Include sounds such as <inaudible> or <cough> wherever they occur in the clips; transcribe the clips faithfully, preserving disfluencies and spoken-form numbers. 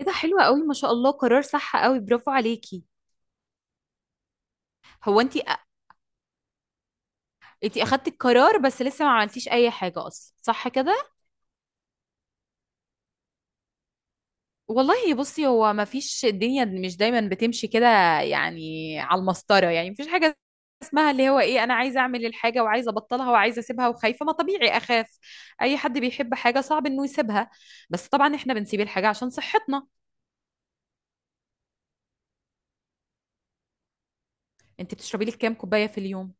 ايه ده، حلوة قوي ما شاء الله، قرار صح قوي، برافو عليكي. هو انتي، انتي اخدتي القرار بس لسه ما عملتيش اي حاجة اصلا، صح كده؟ والله بصي، هو ما فيش، الدنيا مش دايما بتمشي كده يعني على المسطرة، يعني مفيش حاجة اسمها اللي هو ايه، انا عايزة اعمل الحاجة وعايزة ابطلها وعايزة اسيبها وخايفة، ما طبيعي اخاف. اي حد بيحب حاجة صعب انه يسيبها، بس طبعا احنا بنسيب الحاجة عشان صحتنا. انتي بتشربي لك كام كوباية في اليوم؟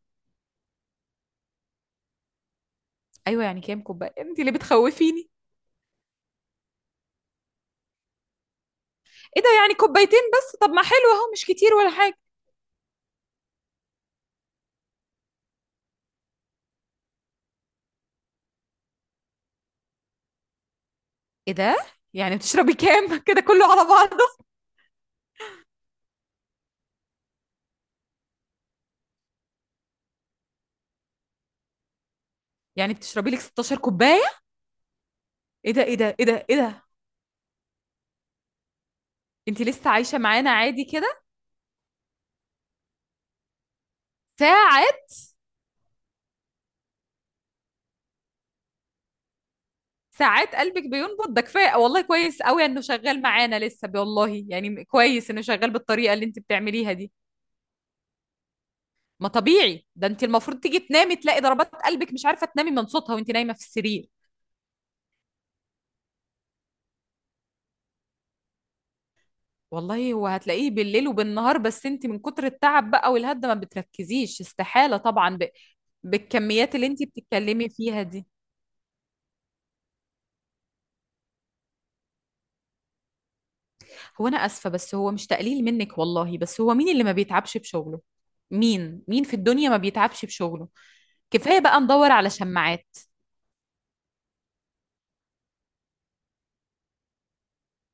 ايوه يعني كام كوباية؟ انتي اللي بتخوفيني. ايه ده؟ يعني كوبايتين بس؟ طب ما حلو اهو، مش كتير ولا حاجة. ايه ده؟ يعني بتشربي كام؟ <laughs> كده كله على بعضه؟ يعني بتشربي لك ستاشر كوباية؟ ايه ده، ايه ده، ايه ده، ايه ده؟ انت لسه عايشة معانا عادي كده؟ ساعات. ساعات قلبك بينبض؟ ده كفاية والله، كويس قوي انه شغال معانا لسه، والله يعني م- كويس انه شغال بالطريقة اللي انت بتعمليها دي. ما طبيعي ده، انت المفروض تيجي تنامي تلاقي ضربات قلبك، مش عارفة تنامي من صوتها وانت نايمة في السرير. والله هو هتلاقيه بالليل وبالنهار، بس انت من كتر التعب بقى والهدة ما بتركزيش، استحالة طبعا ب... بالكميات اللي انت بتتكلمي فيها دي. هو انا اسفه، بس هو مش تقليل منك والله، بس هو مين اللي ما بيتعبش بشغله؟ مين، مين في الدنيا ما بيتعبش بشغله؟ كفايه بقى ندور على شماعات.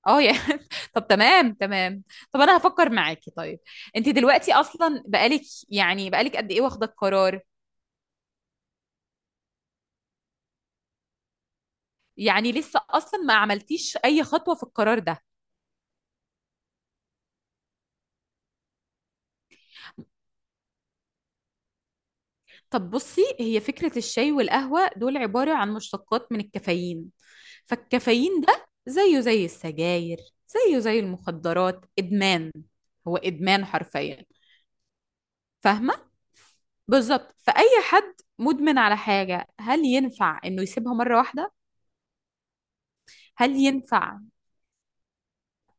اه يا <laughs> طب تمام، تمام طب انا هفكر معاكي، طيب. انت دلوقتي اصلا بقالك، يعني بقالك قد ايه واخده القرار؟ يعني لسه اصلا ما عملتيش اي خطوه في القرار ده. طب بصي، هي فكرة الشاي والقهوة دول عبارة عن مشتقات من الكافيين، فالكافيين ده زيه زي السجاير، زيه زي المخدرات، إدمان. هو إدمان حرفيا، فاهمة؟ بالظبط. فأي حد مدمن على حاجة، هل ينفع إنه يسيبها مرة واحدة؟ هل ينفع؟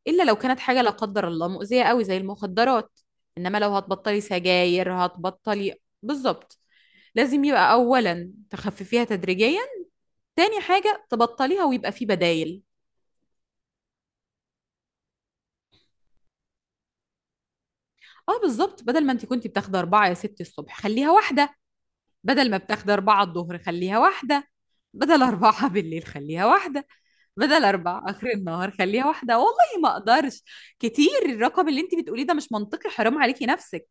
إلا لو كانت حاجة لا قدر الله مؤذية قوي زي المخدرات، إنما لو هتبطلي سجاير هتبطلي. بالظبط. لازم يبقى أولا تخففيها تدريجيا، تاني حاجة تبطليها ويبقى في بدايل. اه بالظبط، بدل ما انت كنت بتاخدي أربعة يا ستي الصبح خليها واحدة، بدل ما بتاخدي أربعة الظهر خليها واحدة، بدل أربعة <laughs> بالليل خليها واحدة، بدل أربعة آخر النهار خليها واحدة. والله ما أقدرش، كتير، الرقم اللي انت بتقوليه ده مش منطقي، حرام عليكي نفسك،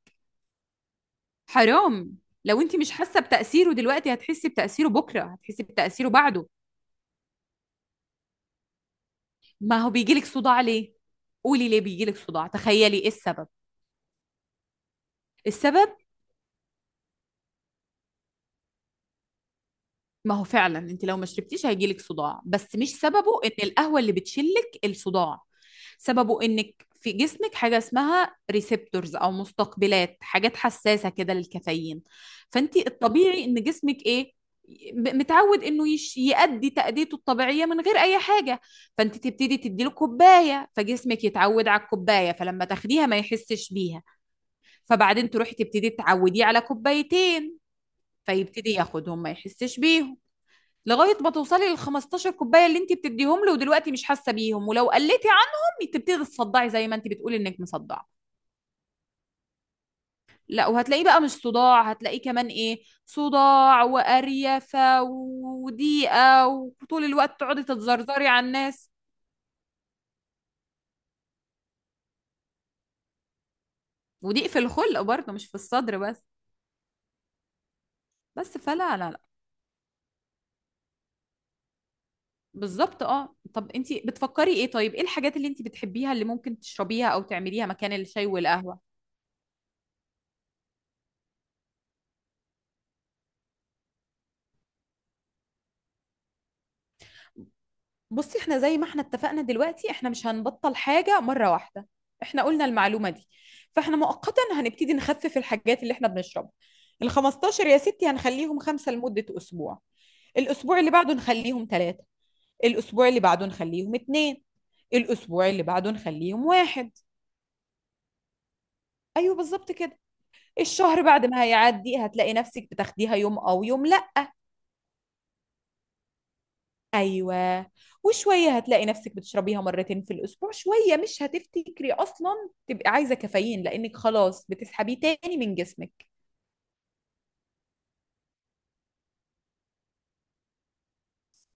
حرام. لو انت مش حاسة بتأثيره دلوقتي، هتحسي بتأثيره بكرة، هتحسي بتأثيره بعده. ما هو بيجيلك صداع ليه؟ قولي ليه بيجيلك صداع، تخيلي ايه السبب. السبب، ما هو فعلا انت لو ما شربتيش هيجيلك صداع، بس مش سببه ان القهوة اللي بتشلك الصداع. سببه انك في جسمك حاجة اسمها ريسبتورز او مستقبلات، حاجات حساسة كده للكافيين. فانت الطبيعي ان جسمك ايه، ب- متعود انه يش يأدي تأديته الطبيعية من غير اي حاجة. فانت تبتدي تديله كوباية فجسمك يتعود على الكوباية، فلما تاخديها ما يحسش بيها، فبعدين تروحي تبتدي تعوديه على كوبايتين، فيبتدي ياخدهم ما يحسش بيهم، لغايه ما توصلي لل خمستاشر كوبايه اللي انت بتديهم له، ودلوقتي مش حاسه بيهم. ولو قلتي عنهم تبتدي تصدعي زي ما انت بتقولي انك مصدعه. لا، وهتلاقيه بقى مش صداع، هتلاقيه كمان ايه، صداع وقريفه وضيقه، وطول الوقت تقعدي تتزرزري على الناس. وضيق في الخلق برضه، مش في الصدر بس. بس فلا، لا لا بالظبط. اه طب انت بتفكري ايه؟ طيب ايه الحاجات اللي انت بتحبيها اللي ممكن تشربيها او تعمليها مكان الشاي والقهوه؟ بصي، احنا زي ما احنا اتفقنا دلوقتي، احنا مش هنبطل حاجة مرة واحدة. احنا قلنا المعلومة دي، فاحنا مؤقتا هنبتدي نخفف الحاجات اللي احنا بنشربها. ال خمستاشر يا ستي هنخليهم خمسة لمدة أسبوع، الأسبوع اللي بعده نخليهم ثلاثة، الأسبوع اللي بعده نخليهم اتنين، الأسبوع اللي بعده نخليهم واحد. أيوه بالظبط كده. الشهر بعد ما هيعدي هتلاقي نفسك بتاخديها يوم أو يوم. ايوه. وشويه هتلاقي نفسك بتشربيها مرتين في الاسبوع، شويه مش هتفتكري اصلا تبقي عايزه كافيين، لانك خلاص بتسحبيه تاني من جسمك.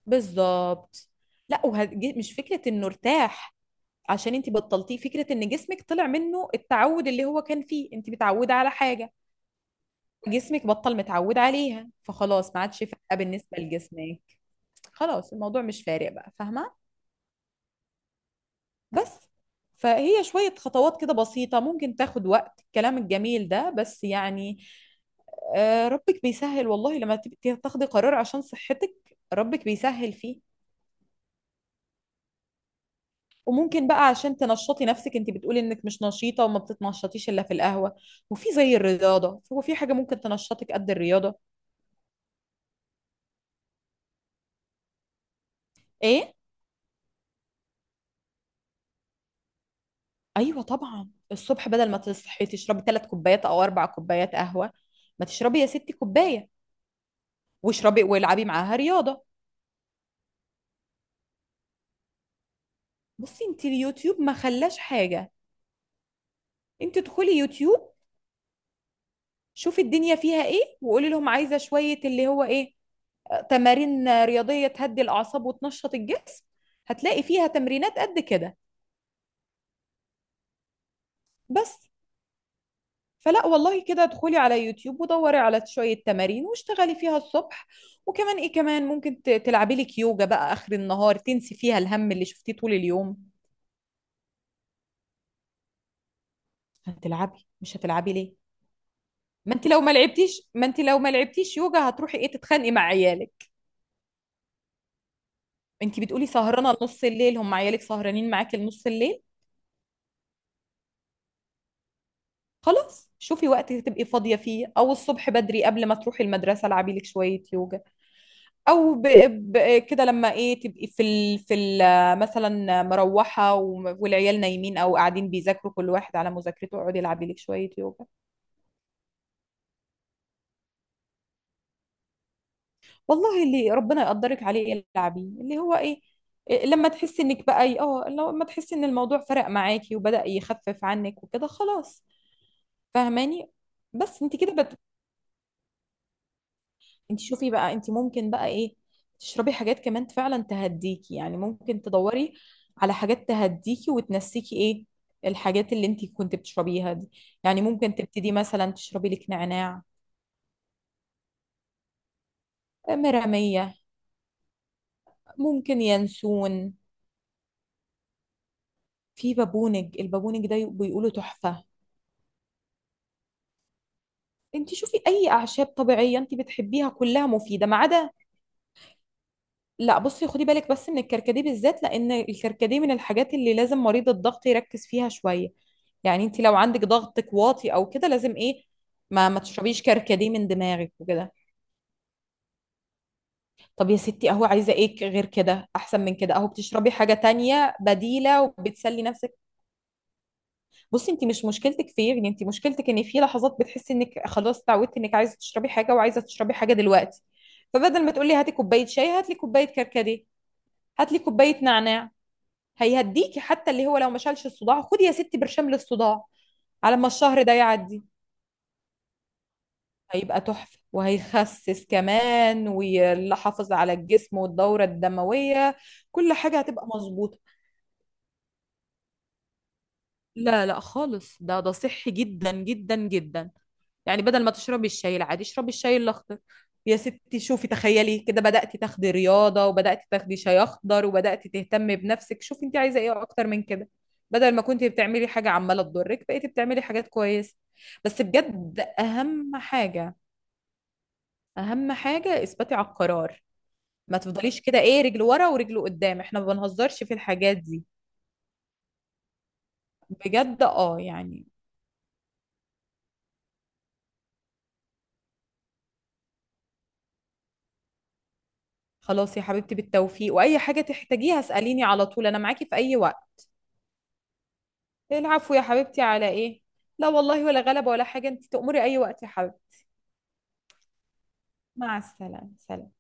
بالظبط. لا، وه... ج- مش فكره انه ارتاح عشان انت بطلتيه، فكره ان جسمك طلع منه التعود اللي هو كان فيه. انت متعوده على حاجه، جسمك بطل متعود عليها، فخلاص ما عادش فارقه بالنسبه لجسمك. خلاص الموضوع مش فارق بقى، فاهمه؟ بس. فهي شوية خطوات كده بسيطة، ممكن تاخد وقت، الكلام الجميل ده بس يعني. آه، ربك بيسهل والله، لما تبقي تاخدي قرار عشان صحتك ربك بيسهل فيه. وممكن بقى عشان تنشطي نفسك، انت بتقولي انك مش نشيطة وما بتتنشطيش الا في القهوة، وفي زي الرياضة، هو في حاجة ممكن تنشطك قد الرياضة؟ ايه. ايوه طبعا، الصبح بدل ما تصحي تشربي ثلاث كوبايات او اربع كوبايات قهوة، ما تشربي يا ستي كوباية، واشربي والعبي معاها رياضة. بصي، انت اليوتيوب ما خلاش حاجة، انت ادخلي يوتيوب، شوفي الدنيا فيها ايه، وقولي لهم عايزة شوية اللي هو ايه، آه، تمارين رياضية تهدي الأعصاب وتنشط الجسم. هتلاقي فيها تمرينات قد كده. بس. فلا والله، كده ادخلي على يوتيوب ودوري على شوية تمارين واشتغلي فيها الصبح. وكمان ايه، كمان ممكن ت- تلعبي لك يوجا بقى آخر النهار، تنسي فيها الهم اللي شفتيه طول اليوم. هتلعبي، مش هتلعبي ليه؟ ما انت لو ما لعبتيش، ما انت لو ما لعبتيش يوجا هتروحي ايه، تتخانقي مع عيالك. انت بتقولي سهرانه لنص الليل، هم عيالك سهرانين معاكي لنص الليل. خلاص شوفي وقت تبقي فاضيه فيه، او الصبح بدري قبل ما تروحي المدرسه العبي لك شويه يوجا. او ب... ب... كده لما ايه، تبقي في ال... في ال... مثلا مروحه و... والعيال نايمين او قاعدين بيذاكروا كل واحد على مذاكرته، اقعدي العبي لك شويه يوجا. والله اللي ربنا يقدرك عليه العبيه اللي هو ايه. إيه، لما تحسي انك بقى اه، لما تحسي ان الموضوع فرق معاكي وبدأ يخفف عنك وكده، خلاص. فاهماني؟ بس. انت كده انت شوفي بقى، انت ممكن بقى ايه، تشربي حاجات كمان فعلا تهديكي، يعني ممكن تدوري على حاجات تهديكي وتنسيكي ايه الحاجات اللي انت كنت بتشربيها دي. يعني ممكن تبتدي مثلا تشربي لك نعناع، مرامية، ممكن ينسون، في بابونج، البابونج ده بيقولوا تحفة. انت شوفي اي اعشاب طبيعية انت بتحبيها كلها مفيدة، ما عدا. لا بصي، خدي بالك بس من الكركديه بالذات، لان الكركديه من الحاجات اللي لازم مريض الضغط يركز فيها شويه. يعني انت لو عندك ضغطك واطي او كده، لازم ايه، ما ما تشربيش كركديه من دماغك وكده. طب يا ستي اهو، عايزه ايه ك- غير كده، احسن من كده، اهو بتشربي حاجه تانية بديله وبتسلي نفسك. بصي، انت مش مشكلتك في إيه؟ يعني انت مشكلتك ان في لحظات بتحسي انك خلاص اتعودتي انك عايزه تشربي حاجه، وعايزه تشربي حاجه دلوقتي. فبدل ما تقولي هاتي كوبايه شاي، هاتلي كوبايه كركديه، هاتلي كوبايه نعناع، هيهديكي. حتى اللي هو لو ما شالش الصداع خدي يا ستي برشام للصداع، على ما الشهر ده يعدي. هيبقى تحفة، وهيخسس كمان، ويحافظ على الجسم والدورة الدموية، كل حاجة هتبقى مظبوطة. لا لا خالص، ده ده صحي جدا جدا جدا. يعني بدل ما تشربي الشاي العادي اشربي الشاي الاخضر. يا ستي شوفي، تخيلي كده، بدأتي تاخدي رياضة، وبدأتي تاخدي شاي اخضر، وبدأتي تهتمي بنفسك، شوفي انت عايزة ايه اكتر من كده. بدل ما كنت بتعملي حاجة عمالة تضرك بقيتي بتعملي حاجات كويسة. بس بجد، اهم حاجة، اهم حاجة اثباتي على القرار. ما تفضليش كده ايه، رجل ورا ورجل قدام، احنا ما بنهزرش في الحاجات دي. بجد، اه يعني، خلاص يا حبيبتي بالتوفيق، واي حاجة تحتاجيها اسأليني على طول، انا معاكي في اي وقت. العفو يا حبيبتي، على ايه؟ لا والله، ولا غلبة ولا حاجة، انت تأمري اي وقت يا حبيبتي. مع السلامة، سلام.